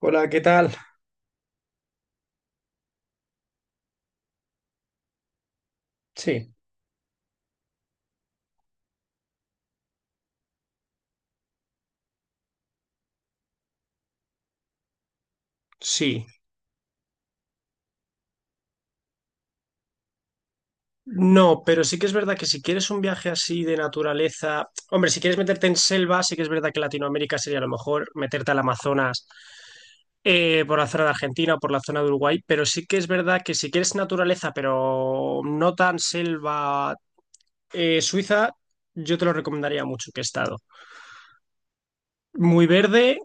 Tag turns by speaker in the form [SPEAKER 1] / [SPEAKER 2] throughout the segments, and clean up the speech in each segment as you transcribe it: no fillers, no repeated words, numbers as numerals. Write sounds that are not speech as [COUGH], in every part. [SPEAKER 1] Hola, ¿qué tal? Sí. Sí, no, pero sí que es verdad que si quieres un viaje así de naturaleza, hombre, si quieres meterte en selva, sí que es verdad que Latinoamérica sería a lo mejor meterte al Amazonas por la zona de Argentina o por la zona de Uruguay, pero sí que es verdad que si quieres naturaleza, pero no tan selva, Suiza, yo te lo recomendaría mucho que he estado. Muy verde.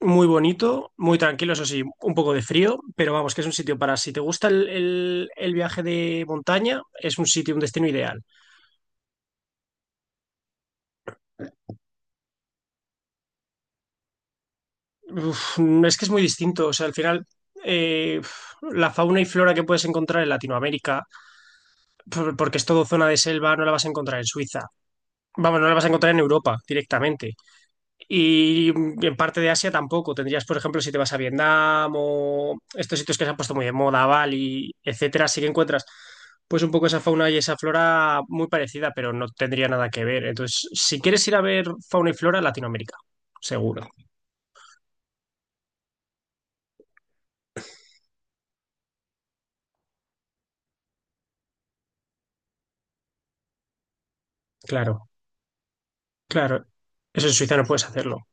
[SPEAKER 1] Muy bonito, muy tranquilo, eso sí, un poco de frío, pero vamos, que es un sitio para si te gusta el viaje de montaña, es un sitio, un destino ideal. Uf, no, es que es muy distinto, o sea, al final eh, la fauna y flora que puedes encontrar en Latinoamérica, porque es todo zona de selva, no la vas a encontrar en Suiza. Vamos, no la vas a encontrar en Europa directamente. Y en parte de Asia tampoco. Tendrías, por ejemplo, si te vas a Vietnam o estos sitios que se han puesto muy de moda, Bali, etcétera, sí que encuentras pues un poco esa fauna y esa flora muy parecida, pero no tendría nada que ver. Entonces, si quieres ir a ver fauna y flora, Latinoamérica, seguro. Claro, claro. Eso en Suiza no puedes hacerlo.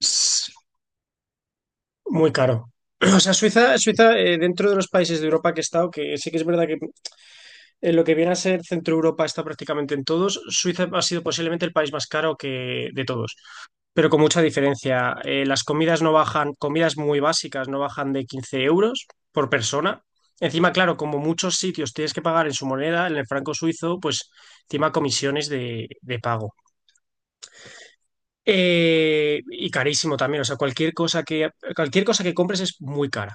[SPEAKER 1] Es muy caro. [CLEARS THROAT] O sea, Suiza, dentro de los países de Europa que he estado, que sí que es verdad que en lo que viene a ser Centro Europa está prácticamente en todos. Suiza ha sido posiblemente el país más caro que de todos, pero con mucha diferencia. Las comidas no bajan, comidas muy básicas no bajan de 15 euros por persona. Encima, claro, como muchos sitios tienes que pagar en su moneda, en el franco suizo, pues encima comisiones de pago. Y carísimo también, o sea, cualquier cosa que compres es muy cara.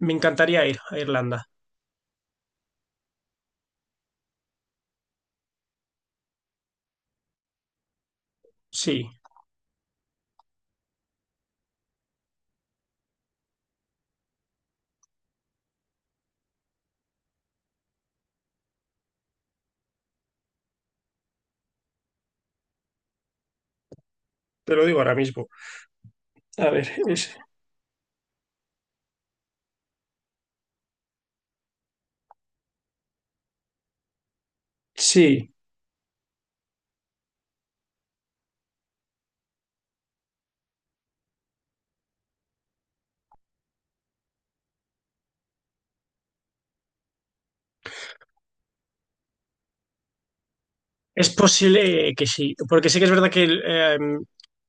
[SPEAKER 1] Me encantaría ir a Irlanda, sí, te lo digo ahora mismo. A ver, sí. Es posible que sí, porque sí que es verdad que el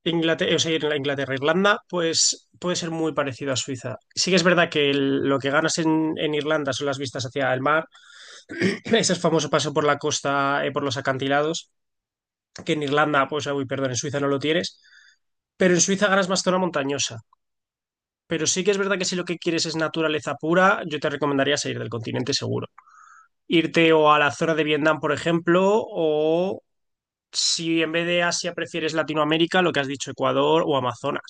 [SPEAKER 1] Inglaterra, o sea, en la Inglaterra, e Irlanda, pues puede ser muy parecido a Suiza. Sí que es verdad que lo que ganas en Irlanda son las vistas hacia el mar, [CLEARS THROAT] ese famoso paso por la costa, por los acantilados, que en Irlanda, pues, ah, uy, perdón, en Suiza no lo tienes, pero en Suiza ganas más zona montañosa. Pero sí que es verdad que si lo que quieres es naturaleza pura, yo te recomendaría salir del continente seguro. Irte o a la zona de Vietnam, por ejemplo, si en vez de Asia prefieres Latinoamérica, lo que has dicho, Ecuador o Amazonas,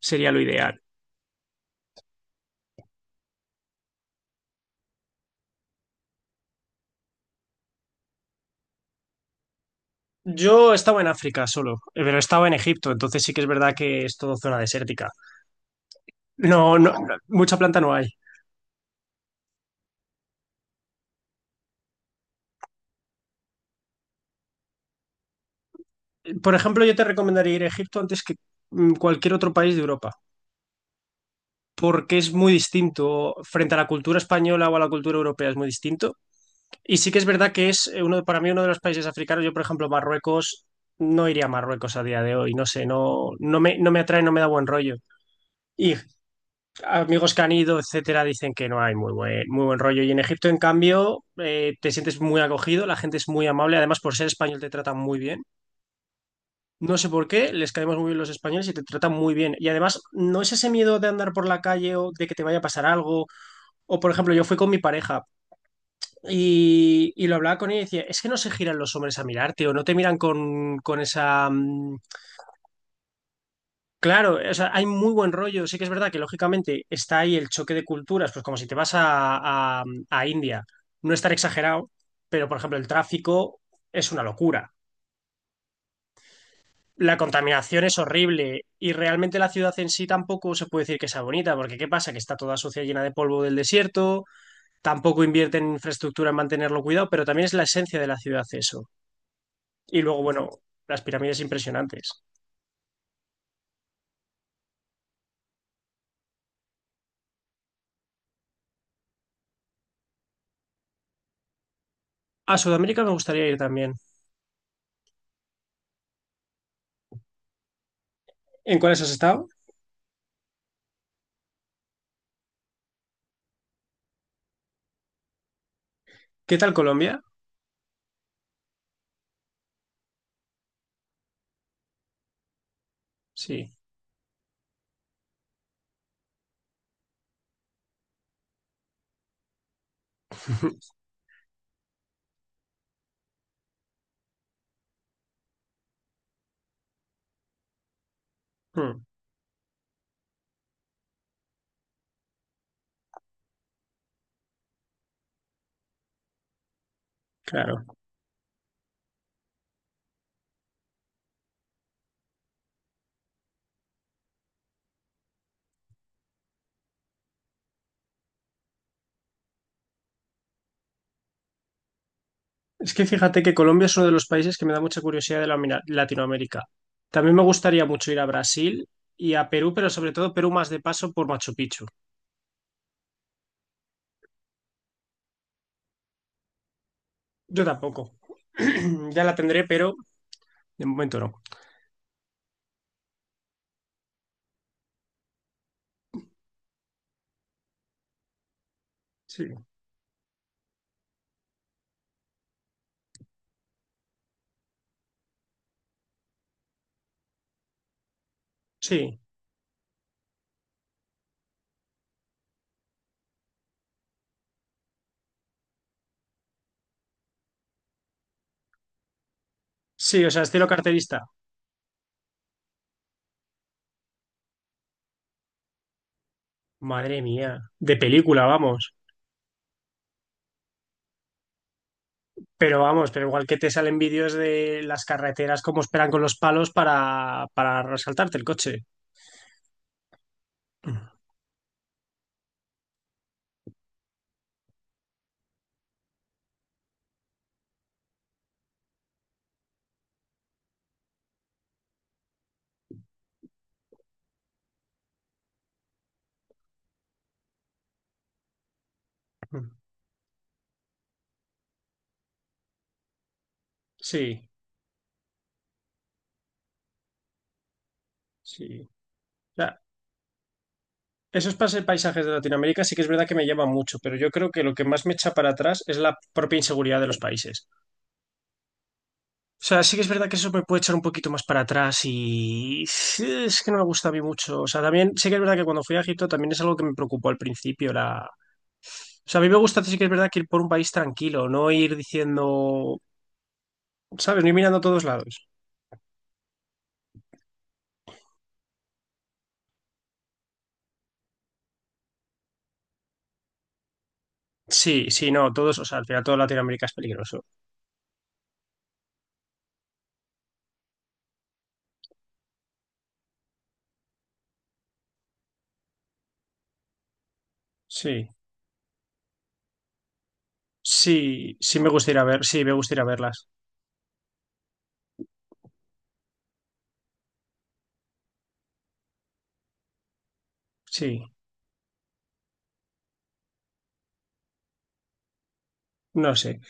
[SPEAKER 1] sería lo ideal. Yo estaba en África solo, pero estaba en Egipto, entonces sí que es verdad que es todo zona desértica. No, mucha planta no hay. Por ejemplo, yo te recomendaría ir a Egipto antes que cualquier otro país de Europa, porque es muy distinto frente a la cultura española o a la cultura europea, es muy distinto. Y sí que es verdad que es uno, para mí uno de los países africanos, yo por ejemplo Marruecos, no iría a Marruecos a día de hoy, no sé, no, no me atrae, no me da buen rollo. Y amigos que han ido, etcétera, dicen que no hay muy buen rollo. Y en Egipto, en cambio, te sientes muy acogido, la gente es muy amable. Además, por ser español, te tratan muy bien. No sé por qué, les caemos muy bien los españoles y te tratan muy bien. Y además, no es ese miedo de andar por la calle o de que te vaya a pasar algo. O, por ejemplo, yo fui con mi pareja y lo hablaba con ella y decía, es que no se giran los hombres a mirarte o no te miran con esa claro, o sea, hay muy buen rollo. Sí que es verdad que lógicamente está ahí el choque de culturas, pues como si te vas a a India, no estar exagerado, pero por ejemplo el tráfico es una locura. La contaminación es horrible y realmente la ciudad en sí tampoco se puede decir que sea bonita, porque ¿qué pasa? Que está toda sucia, llena de polvo del desierto, tampoco invierte en infraestructura en mantenerlo cuidado, pero también es la esencia de la ciudad eso. Y luego, bueno, las pirámides impresionantes. A Sudamérica me gustaría ir también. ¿En cuáles has estado? ¿Qué tal Colombia? Sí. Mm, claro. Es que fíjate que Colombia es uno de los países que me da mucha curiosidad de la Latinoamérica. También me gustaría mucho ir a Brasil y a Perú, pero sobre todo Perú más de paso por Machu Picchu. Yo tampoco. [CLEARS THROAT] Ya la tendré, pero de momento no. Sí. Sí, sí, o sea, estilo carterista. Madre mía, de película, vamos. Pero vamos, pero igual que te salen vídeos de las carreteras, cómo esperan con los palos para resaltarte el coche. Mm, mm. Sí, sí. Paisajes de Latinoamérica sí que es verdad que me llaman mucho, pero yo creo que lo que más me echa para atrás es la propia inseguridad de los países. O sea, sí que es verdad que eso me puede echar un poquito más para atrás y sí, es que no me gusta a mí mucho. O sea, también sí que es verdad que cuando fui a Egipto también es algo que me preocupó al principio. La... O sea, a mí me gusta sí que es verdad que ir por un país tranquilo, no ir diciendo, ¿sabes? No ir mirando a todos lados. Sí, sí, no, todos, o sea, al final toda Latinoamérica es peligroso. Sí, sí, sí me gustaría ver, sí, me gustaría verlas. Sí, no sé.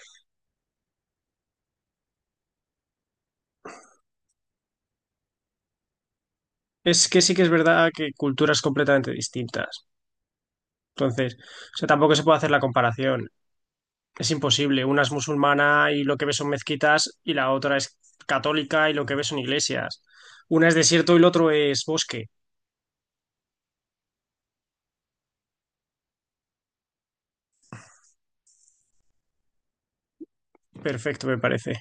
[SPEAKER 1] Es que sí que es verdad que culturas completamente distintas. Entonces, o sea, tampoco se puede hacer la comparación. Es imposible. Una es musulmana y lo que ves son mezquitas y la otra es católica y lo que ves son iglesias. Una es desierto y el otro es bosque. Perfecto, me parece.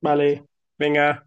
[SPEAKER 1] Vale. Venga.